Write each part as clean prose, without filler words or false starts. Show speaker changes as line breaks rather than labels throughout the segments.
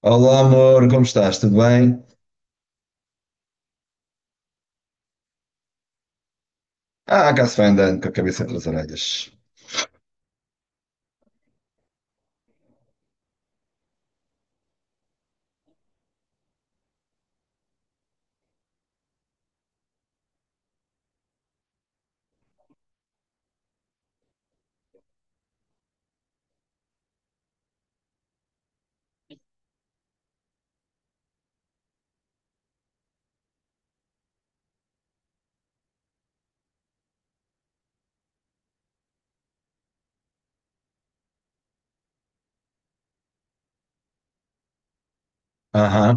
Olá, amor, como estás? Tudo bem? Ah, cá se vai andando com a cabeça entre as orelhas. Aham.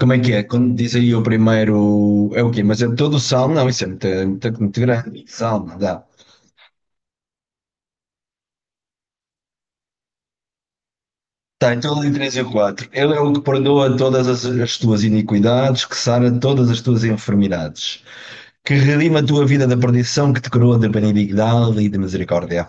Como é que é? Quando diz aí o primeiro. É o quê? Mas é todo o salmo? Não, isso é muito grande. Salmo, não dá. Está em todo em 3 e o 4. Ele é o que perdoa todas as tuas iniquidades, que sara todas as tuas enfermidades, que redima a tua vida da perdição, que te coroa de benignidade e de misericórdia.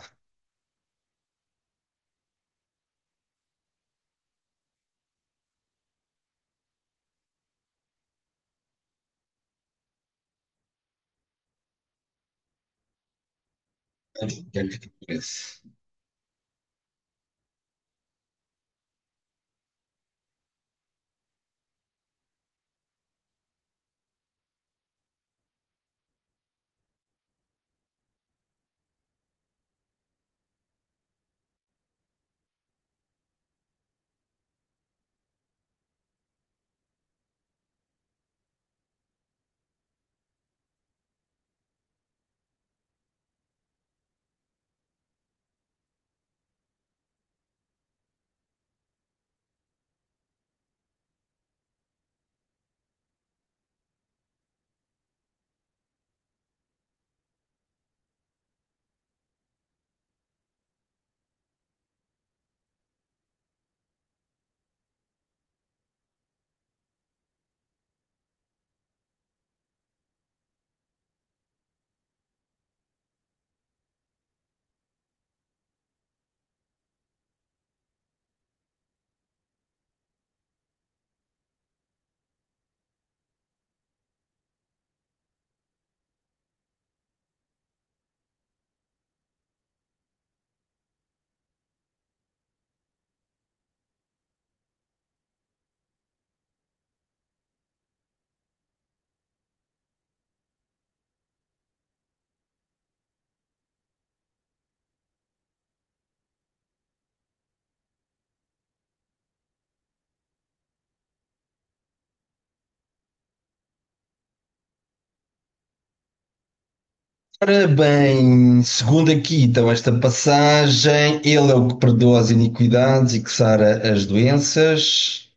Ora bem, segundo aqui então esta passagem, ele é o que perdoa as iniquidades e que sara as doenças,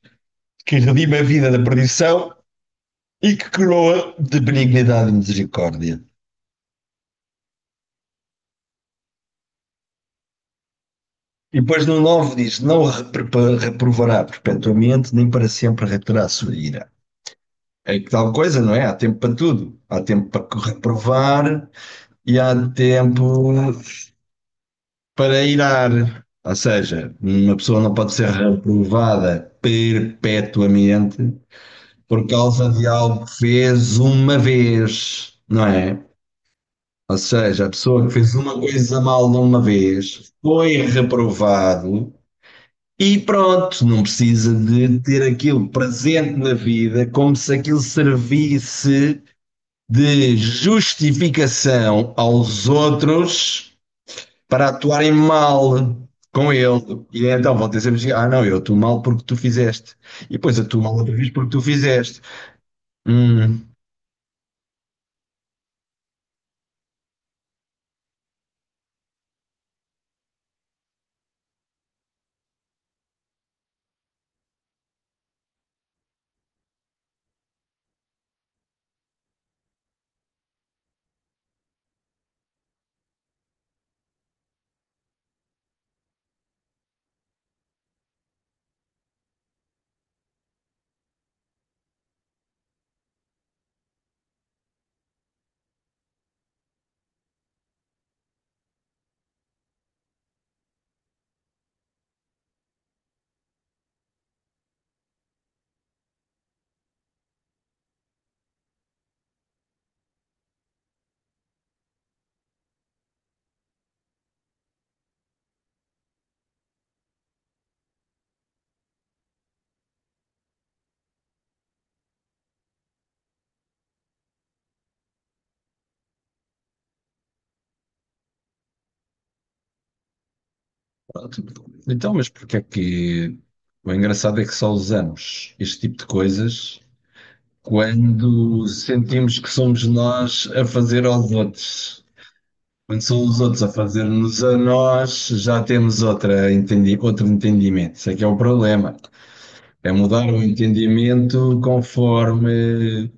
que redime a vida da perdição e que coroa de benignidade e misericórdia. E depois no nove diz, não reprovará perpetuamente, nem para sempre reterá a sua ira. É que tal coisa, não é? Há tempo para tudo. Há tempo para reprovar, e há tempo para irar. Ou seja, uma pessoa não pode ser reprovada perpetuamente por causa de algo que fez uma vez, não é? Ou seja, a pessoa que fez uma coisa mal de uma vez foi reprovado e pronto, não precisa de ter aquilo presente na vida como se aquilo servisse de justificação aos outros para atuarem mal com ele. E então vão ter sempre dizer, assim, ah não, eu atuo mal porque tu fizeste. E depois atuo mal outra vez porque tu fizeste. Hum, pronto. Então, mas porque é que... O engraçado é que só usamos este tipo de coisas quando sentimos que somos nós a fazer aos outros. Quando são os outros a fazer-nos a nós, já temos outro entendimento. Isso é que é o problema. É mudar o entendimento conforme.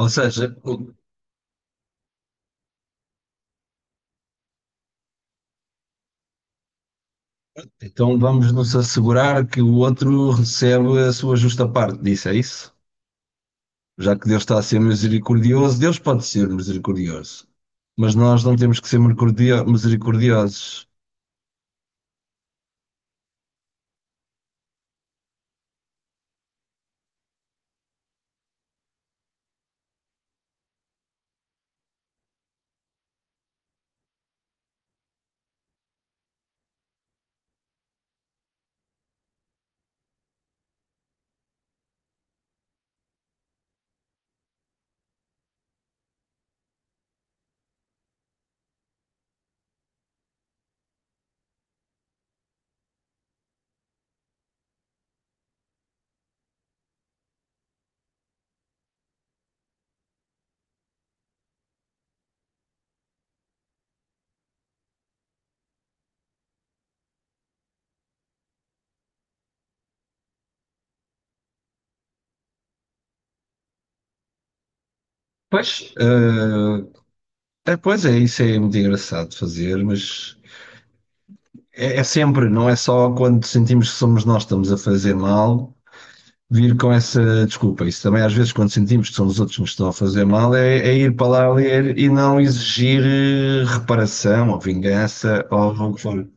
Ou seja, o- então vamos nos assegurar que o outro recebe a sua justa parte disso, é isso? Já que Deus está a ser misericordioso, Deus pode ser misericordioso, mas nós não temos que ser misericordiosos. Pois, é, pois é, isso é muito engraçado de fazer, mas é, é sempre, não é só quando sentimos que somos nós que estamos a fazer mal vir com essa desculpa. Isso também, às vezes, quando sentimos que são os outros que nos estão a fazer mal, é, é ir para lá ler e não exigir reparação ou vingança ou o que for.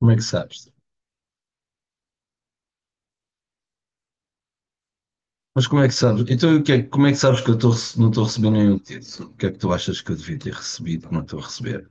Como é que sabes? Mas como é que sabes? Então, como é que sabes que eu não estou a receber nenhum título? O que é que tu achas que eu devia ter recebido que não estou a receber?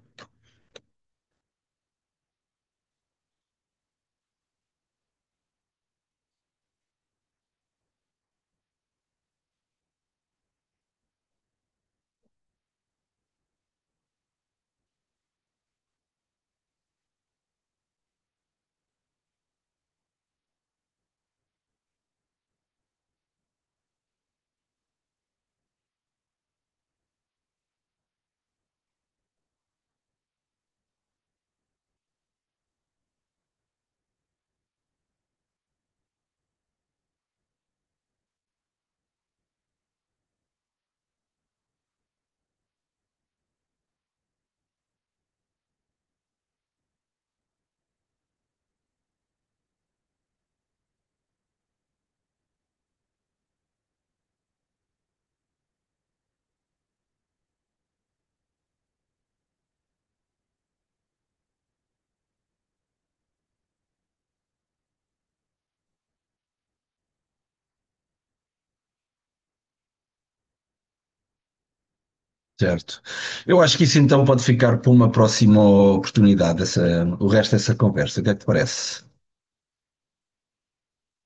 Certo. Eu acho que isso então pode ficar para uma próxima oportunidade, essa, o resto dessa conversa. O que é que te parece?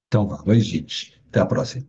Então vá, beijinhos. Até à próxima.